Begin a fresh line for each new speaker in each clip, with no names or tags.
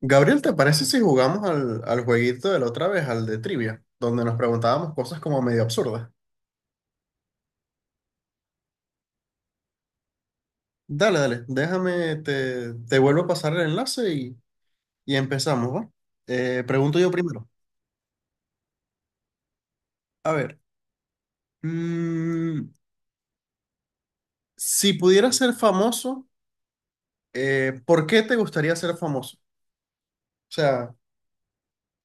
Gabriel, ¿te parece si jugamos al jueguito de la otra vez, al de trivia, donde nos preguntábamos cosas como medio absurdas? Dale, dale, déjame, te vuelvo a pasar el enlace y empezamos, ¿va? Pregunto yo primero. A ver, mm, si pudieras ser famoso, ¿por qué te gustaría ser famoso? O sea,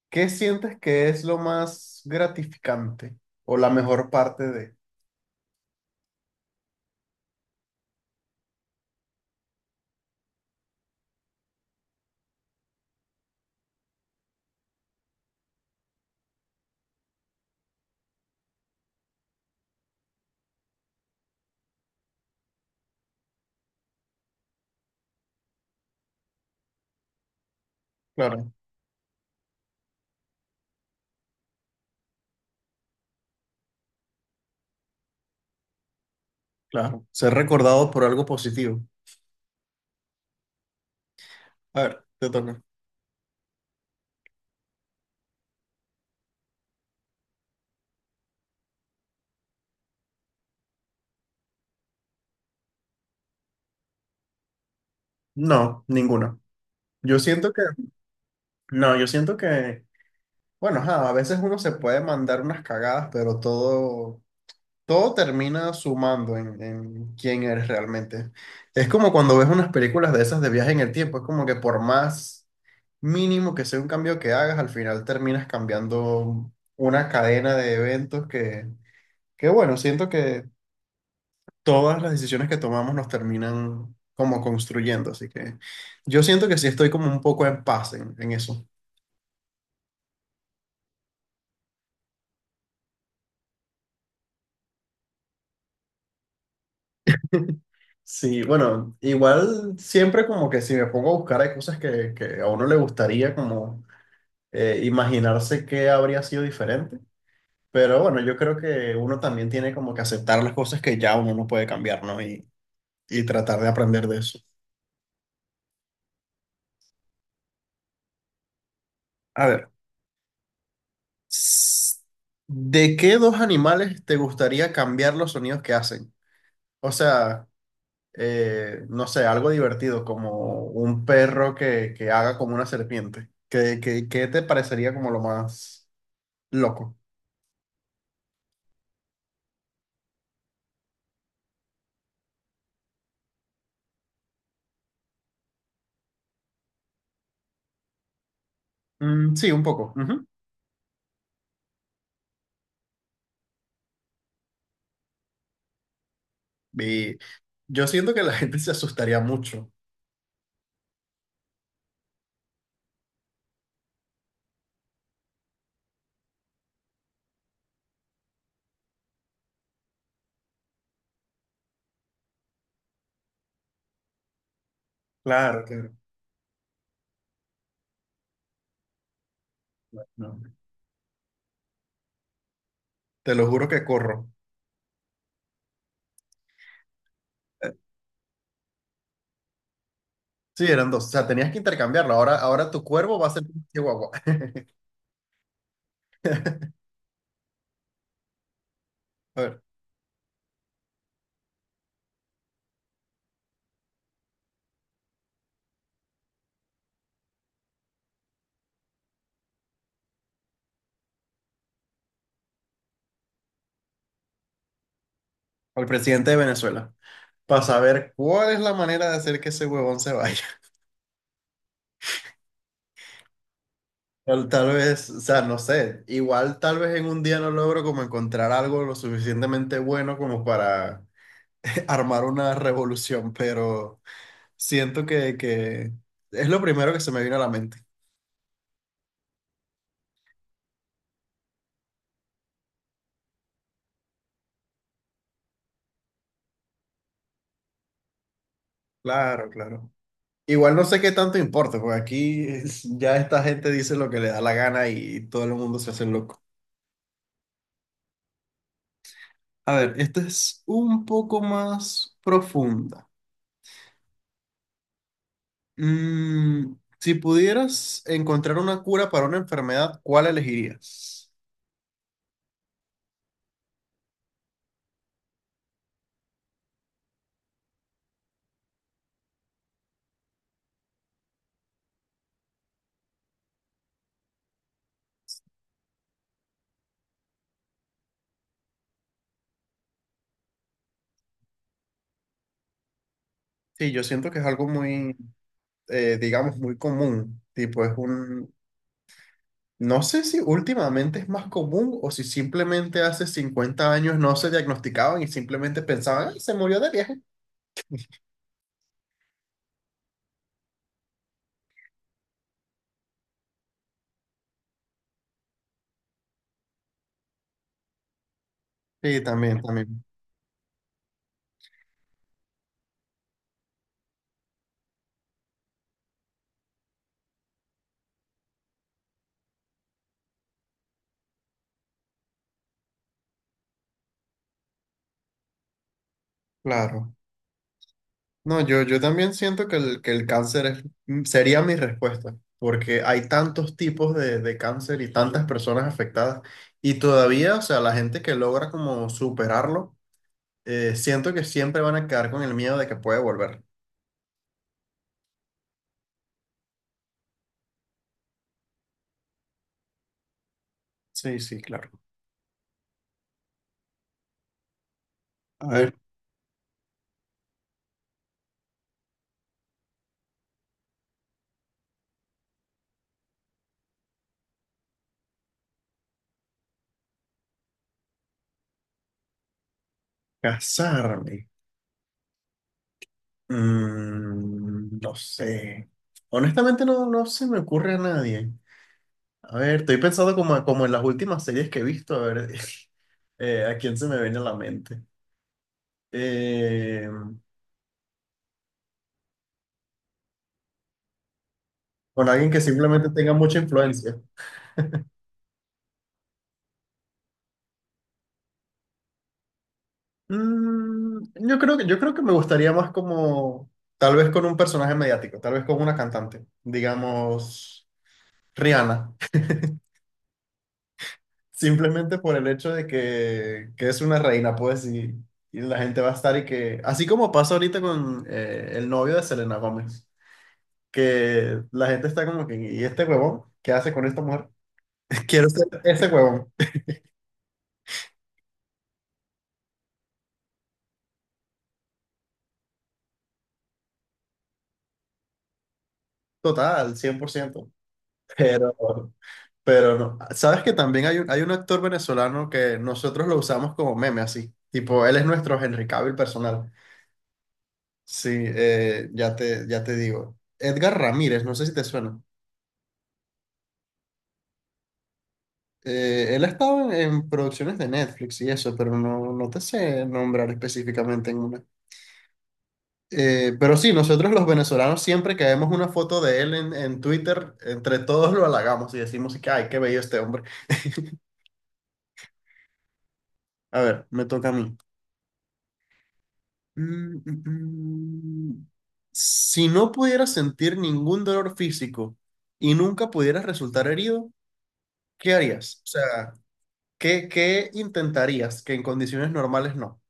¿qué sientes que es lo más gratificante o la mejor parte de... Claro, claro, ser recordado por algo positivo. A ver, te toca. No, ninguna. Yo siento que, no, yo siento que, bueno, ajá, a veces uno se puede mandar unas cagadas, pero todo termina sumando en quién eres realmente. Es como cuando ves unas películas de esas de viaje en el tiempo, es como que por más mínimo que sea un cambio que hagas, al final terminas cambiando una cadena de eventos que bueno, siento que todas las decisiones que tomamos nos terminan como construyendo, así que yo siento que sí estoy como un poco en paz en eso. Sí, bueno, igual siempre como que si me pongo a buscar hay cosas que a uno le gustaría como imaginarse que habría sido diferente, pero bueno, yo creo que uno también tiene como que aceptar las cosas que ya uno no puede cambiar, ¿no? Y tratar de aprender de eso. A ver, s- ¿de qué dos animales te gustaría cambiar los sonidos que hacen? O sea, no sé, algo divertido, como un perro que haga como una serpiente. ¿Qué te parecería como lo más... loco? Mm, sí, un poco. Ujú. Y yo siento que la gente se asustaría mucho. Claro. Claro. No, te lo juro que corro. Eh, Sí, eran dos. O sea, tenías que intercambiarlo. Ahora, ahora tu cuervo va a ser un chihuahua. A ver, al presidente de Venezuela. Para saber cuál es la manera de hacer que ese huevón se vaya. Tal vez, o sea, no sé. Igual tal vez en un día no logro como encontrar algo lo suficientemente bueno como para armar una revolución, pero... Siento que es lo primero que se me vino a la mente. Claro, claro. Igual no sé qué tanto importa, porque aquí es- ya esta gente dice lo que le da la gana y todo el mundo se hace loco. A ver, esta es un poco más profunda. Mm, si pudieras encontrar una cura para una enfermedad, ¿cuál elegirías? Sí, yo siento que es algo muy, digamos, muy común. Tipo, es un, no sé si últimamente es más común o si simplemente hace 50 años no se diagnosticaban y simplemente pensaban: "Ay, se murió de viaje". Sí, también, también. Claro. No, yo también siento que que el cáncer sería mi respuesta, porque hay tantos tipos de cáncer y tantas personas afectadas. Y todavía, o sea, la gente que logra como superarlo, siento que siempre van a quedar con el miedo de que puede volver. Sí, sí, claro. A ver, casarme. Mm, no sé. Honestamente no, no se me ocurre a nadie. A ver, estoy pensando como en las últimas series que he visto, a ver a quién se me viene a la mente. Eh, con alguien que simplemente tenga mucha influencia. Mm, yo creo que me gustaría más como, tal vez con un personaje mediático, tal vez con una cantante, digamos, Rihanna. Simplemente por el hecho de que es una reina, pues, y la gente va a estar y que, así como pasa ahorita con el novio de Selena Gómez, que la gente está como que, ¿y este huevón? ¿Qué hace con esta mujer? Quiero ser ese huevón. Total, 100%. Pero, pero no. Sabes que también hay un, actor venezolano que nosotros lo usamos como meme, así. Tipo, él es nuestro Henry Cavill personal. Sí, ya te digo. Edgar Ramírez, no sé si te suena. Él ha estado en producciones de Netflix y eso, pero no te sé nombrar específicamente en una. Pero sí, nosotros los venezolanos siempre que vemos una foto de él en Twitter, entre todos lo halagamos y decimos que, ay, qué bello este hombre. A ver, me toca a mí. Mm, mm, mm. Si no pudieras sentir ningún dolor físico y nunca pudieras resultar herido, ¿qué harías? O sea, ¿qué intentarías que en condiciones normales no?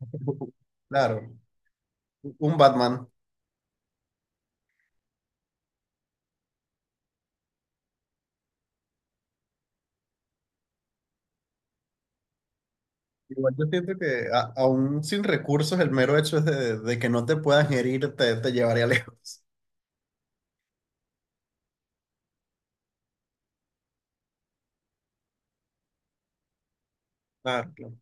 Claro. Un Batman. Igual yo siento que aún sin recursos, el mero hecho es de que no te puedan herir te llevaría lejos. Claro, claro.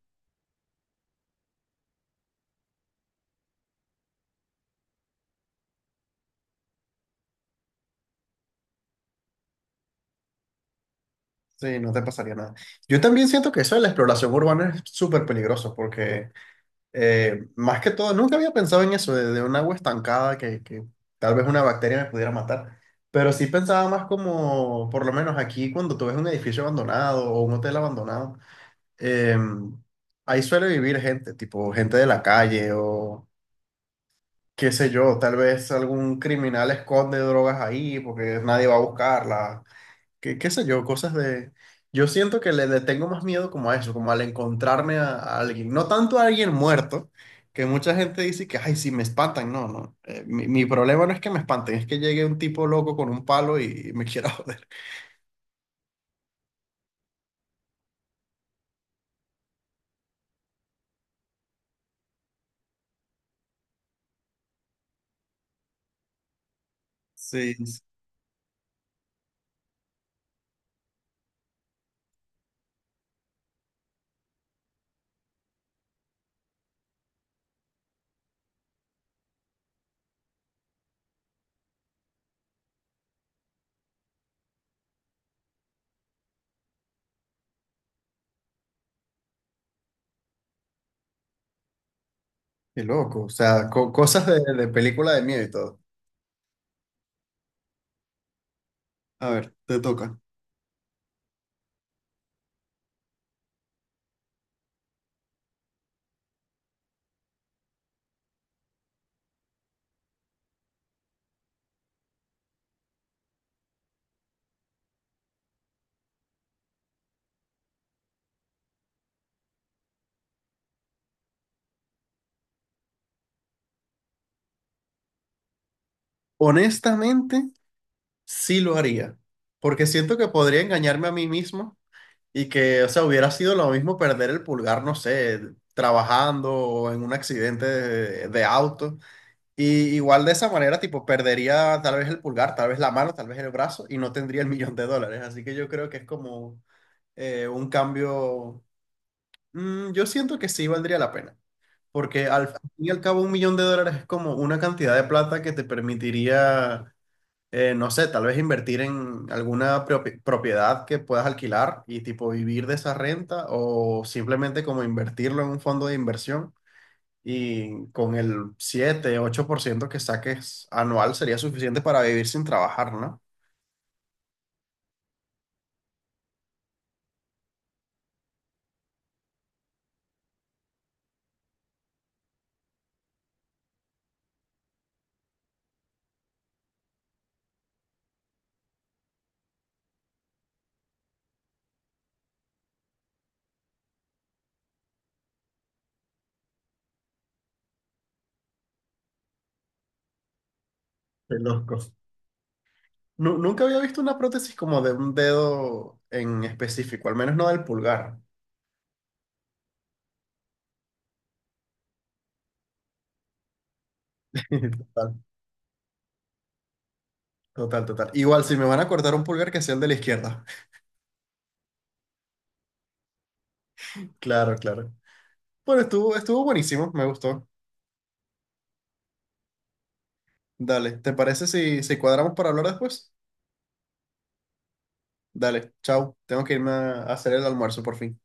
Sí, no te pasaría nada. Yo también siento que eso de la exploración urbana es súper peligroso porque más que todo, nunca había pensado en eso de un agua estancada que tal vez una bacteria me pudiera matar. Pero sí pensaba más como, por lo menos aquí, cuando tú ves un edificio abandonado o un hotel abandonado, em, ahí suele vivir gente, tipo gente de la calle o qué sé yo, tal vez algún criminal esconde drogas ahí porque nadie va a buscarla, qué, qué sé yo, cosas de... yo siento que le tengo más miedo como a eso, como al encontrarme a alguien, no tanto a alguien muerto, que mucha gente dice que, ay, sí, me espantan, no, no. Mi problema no es que me espanten, es que llegue un tipo loco con un palo y me quiera joder. Sí, sí, qué loco, o sea, cosas de película de miedo y todo. A ver, te toca. Honestamente... sí lo haría, porque siento que podría engañarme a mí mismo y que, o sea, hubiera sido lo mismo perder el pulgar, no sé, trabajando o en un accidente de auto. Y igual de esa manera, tipo, perdería tal vez el pulgar, tal vez la mano, tal vez el brazo y no tendría el millón de dólares. Así que yo creo que es como un cambio, yo siento que sí valdría la pena. Porque al fin y al cabo un millón de dólares es como una cantidad de plata que te permitiría no sé, tal vez invertir en alguna propiedad que puedas alquilar y tipo vivir de esa renta o simplemente como invertirlo en un fondo de inversión y con el siete ocho por ciento que saques anual sería suficiente para vivir sin trabajar, ¿no? Qué loco. Nunca había visto una prótesis como de un dedo en específico, al menos no del pulgar. Total, total, total. Igual, si me van a cortar un pulgar, que sea el de la izquierda. Claro, claro. Bueno, estuvo buenísimo, me gustó. Dale, ¿te parece si cuadramos para hablar después? Dale, chao, tengo que irme a hacer el almuerzo por fin.